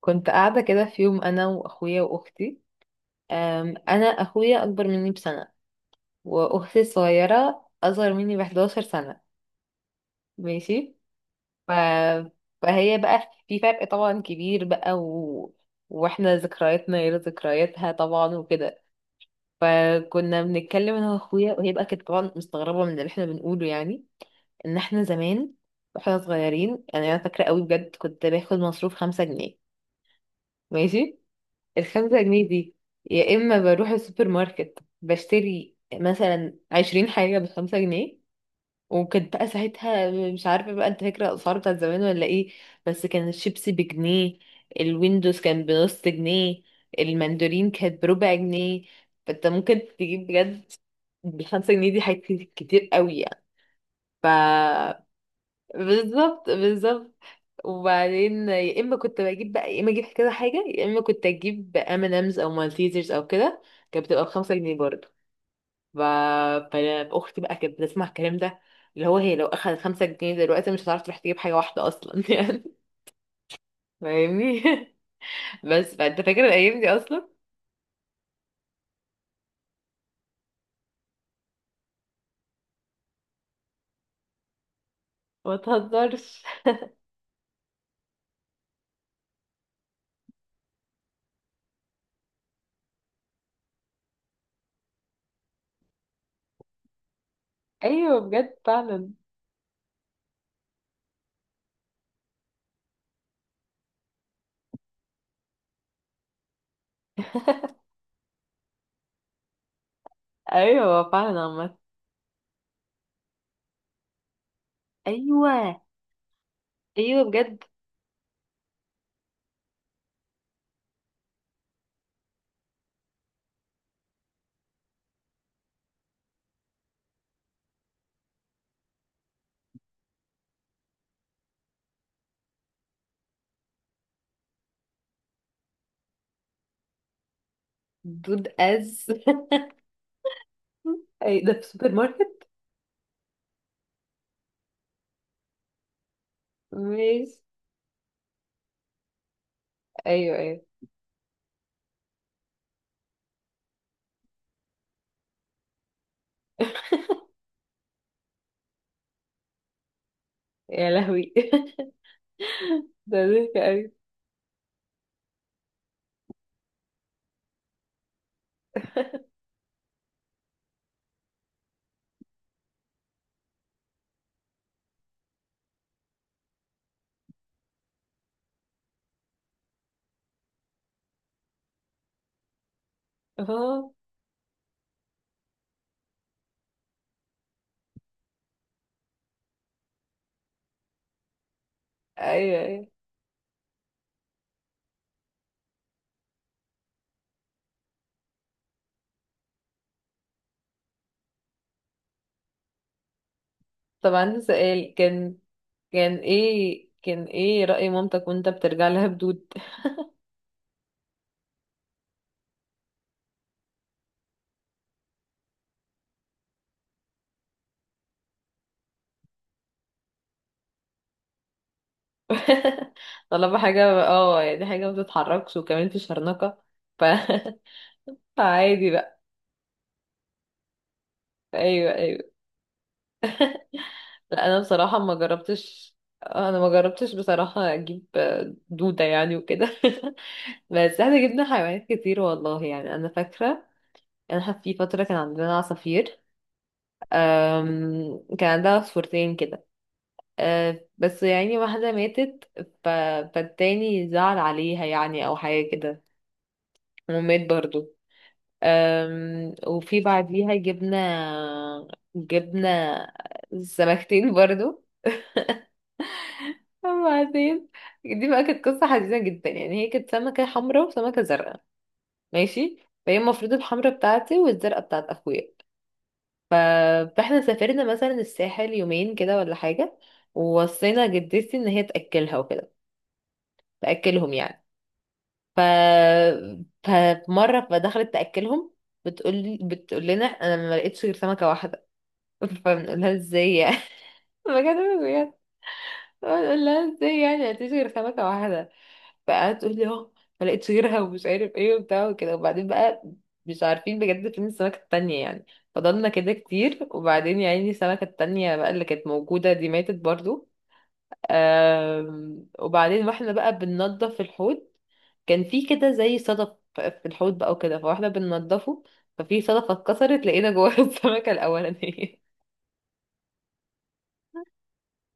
كنت قاعدة كده في يوم أنا وأخويا وأختي. أنا أخويا أكبر مني بسنة، وأختي الصغيرة أصغر مني 11 سنة. ماشي. ف... فهي بقى في فرق طبعا كبير بقى وإحنا ذكرياتنا غير ذكرياتها طبعا وكده. فكنا بنتكلم أنا وأخويا، وهي بقى كانت طبعا مستغربة من اللي إحنا بنقوله يعني. إن إحنا زمان وإحنا صغيرين يعني أنا فاكرة قوي بجد كنت باخد مصروف 5 جنيه. ماشي. الـ5 جنيه دي، يا إما بروح السوبر ماركت بشتري مثلا 20 حاجة بـ5 جنيه. وكانت بقى ساعتها مش عارفة بقى انت فاكرة الأسعار بتاعت زمان ولا ايه. بس كان الشيبسي بجنيه، الويندوز كان بنص جنيه، المندورين كانت بربع جنيه. فانت ممكن تجيب بجد بالـ5 جنيه دي حاجات كتير قوي يعني. ف بالظبط بالظبط. وبعدين يا اما كنت بجيب بقى يا اما اجيب كده حاجه يا اما كنت اجيب ام ان امز او مالتيزرز او كده. كانت بتبقى بـ5 جنيه برضه. ف... فاختي بقى كانت بتسمع الكلام ده، اللي هو هي لو اخذت 5 جنيه دلوقتي مش هتعرف تروح تجيب حاجه واحده اصلا يعني. فاهمني؟ بس فانت فاكر الايام دي اصلا؟ ما تهزرش. ايوه بجد فعلا. ايوه فعلا عامة. ايوه ايوه بجد. دود از اي ده في السوبر ماركت؟ ماشي. ايوه ايوه. يا لهوي. ده ضحك قوي. اه. ايوه ايوه. طب عندي سؤال، كان كان ايه كان ايه رأي مامتك وانت بترجع لها بدود؟ طالما حاجة اه يعني حاجة ما بتتحركش وكمان في شرنقة، ف فعادي بقى. ايوه ايوه. لا انا بصراحة ما جربتش، انا ما جربتش بصراحة اجيب دودة يعني وكده بس احنا جبنا حيوانات كتير والله يعني، انا فاكرة انا في فترة كان عندنا عصافير. كان عندها عصفورتين كده. بس يعني واحدة ماتت، ف... فالتاني زعل عليها يعني أو حاجة كده ومات برضو. وفي بعديها جبنا سمكتين برضو. وبعدين دي بقى كانت قصة حزينة جدا يعني. هي كانت سمكة حمراء وسمكة زرقاء. ماشي. فهي المفروض الحمراء بتاعتي والزرقاء بتاعت أخويا. ف- فاحنا سافرنا مثلا الساحل يومين كده ولا حاجة، ووصينا جدتي ان هي تأكلها وكده، تأكلهم يعني. ف فمرة فدخلت تأكلهم، بتقول لنا انا ما لقيتش غير سمكة واحدة. فبنقول لها ازاي يعني. بجد بجد. بنقول لها ازاي يعني ما لقيتش غير سمكة واحدة. بقى تقول لي اه ما لقيتش غيرها ومش عارف ايه وبتاع وكده. وبعدين بقى مش عارفين بجد فين السمكة التانية يعني. فضلنا كده كتير، وبعدين يا عيني السمكة التانية بقى اللي كانت موجودة دي ماتت برضو. وبعدين واحنا بقى بننضف الحوض، كان في كده زي صدف في الحوض بقى وكده، فواحنا بننضفه ففي صدفة اتكسرت لقينا جواها السمكة الأولانية.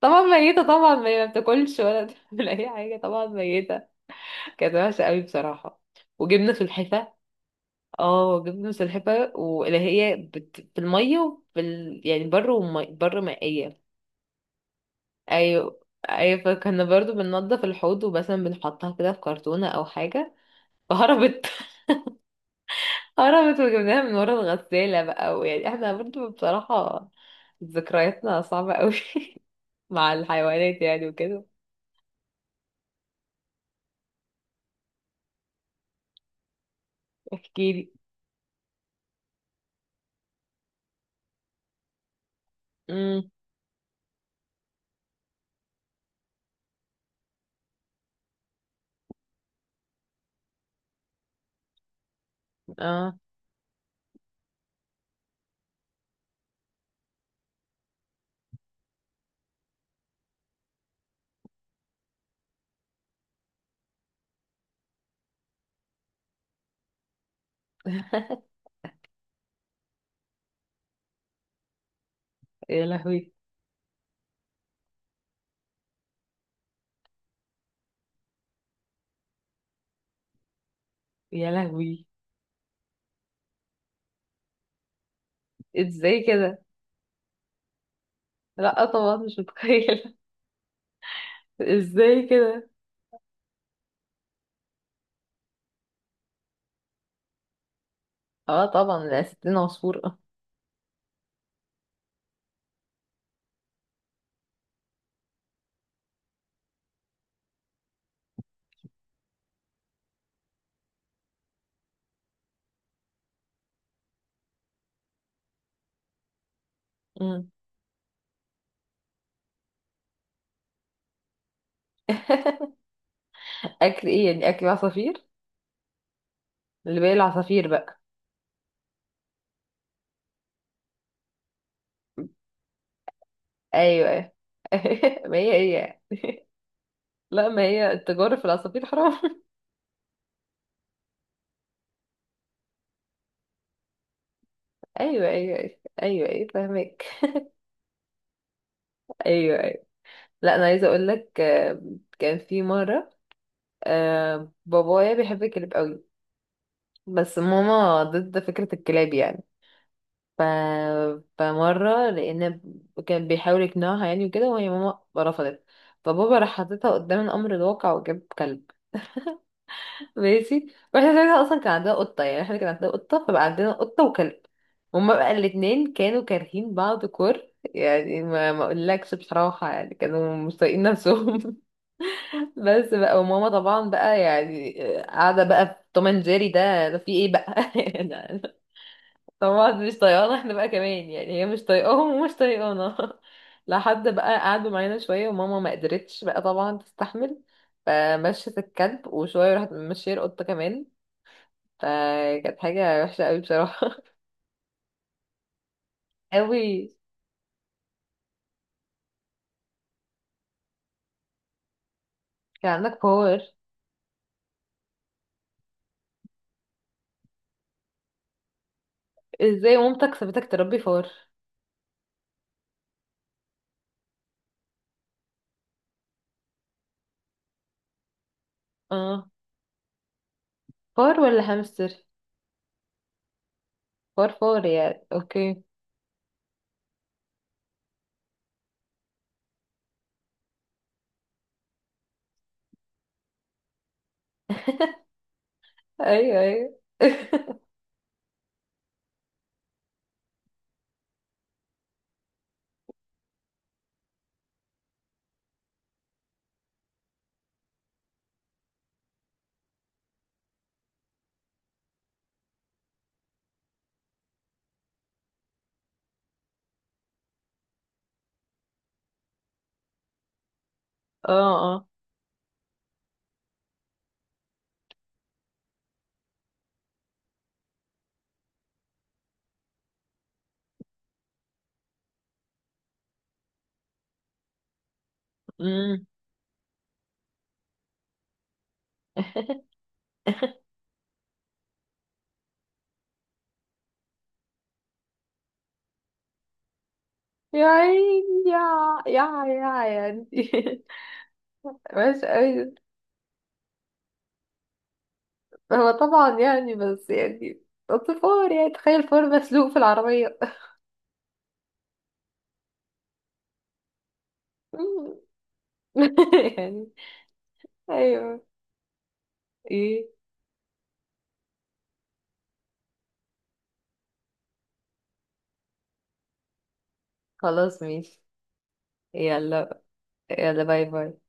طبعا ميتة، طبعا ما بتاكلش ولا بتعمل أي حاجة، طبعا ميتة. كانت وحشة قوي بصراحة. وجبنا سلحفاة. اه جبنة مسلحفة واللي هي في المية وفي يعني بر بر مائية. ايوه ايوه. فكنا برضو بننضف الحوض ومثلا بنحطها كده في كرتونة او حاجة فهربت. هربت وجبناها من ورا الغسالة بقى. ويعني احنا برضو بصراحة ذكرياتنا صعبة قوي مع الحيوانات يعني وكده. احكيلي. امم اه. يا لهوي. يا لهوي ازاي كده. لا طبعا مش متخيلة. ازاي كده. اه طبعا ده 60 عصفور. مم. اكل ايه يعني اكل عصافير؟ اللي باقي العصافير بقى؟ ايوه ايوه. ما هي هي. لا ما هي التجارة في العصافير حرام. ايوه ايوه ايوه. ايوه ايوه فاهمك. ايوه ايوه. لا انا عايزه اقول لك، كان في مره بابايا بيحب الكلاب قوي بس ماما ضد فكره الكلاب يعني. ف... فمره، لان كان بيحاول يقنعها يعني وكده، وهي ماما رفضت. فبابا راح حاططها قدام الامر الواقع وجاب كلب. ماشي. واحنا زمان اصلا كان عندنا قطه يعني، احنا كان عندنا قطه، فبقى عندنا قطه وكلب. هما بقى الاتنين كانوا كارهين بعض كور يعني. ما ما اقولكش بصراحه يعني، كانوا مش طايقين نفسهم. بس بقى وماما طبعا بقى يعني قاعده بقى في توم اند جيري ده في ايه بقى يعني. طبعا مش طايقانا احنا بقى كمان، يعني هي مش طايقاهم ومش طايقانا لحد بقى قعدوا معانا شويه وماما ما قدرتش بقى طبعا تستحمل. فمشت الكلب وشويه راحت مشيه القطه كمان. فكانت حاجة وحشة قوي بصراحة. قوي. كان عندك فار؟ ازاي مامتك سابتك تربي فار. اه. فار ولا هامستر؟ فار فار يعني، اوكي. ايوه ايوه. اه. اه. امم يا عيني، يا يا يعني. وحش قوي. هو طبعا يعني بس يعني أصل فار يعني تخيل فار مسلوق في العربية. يعني. ايوه. ايه؟ خلاص ماشي. يلا. يلا باي باي.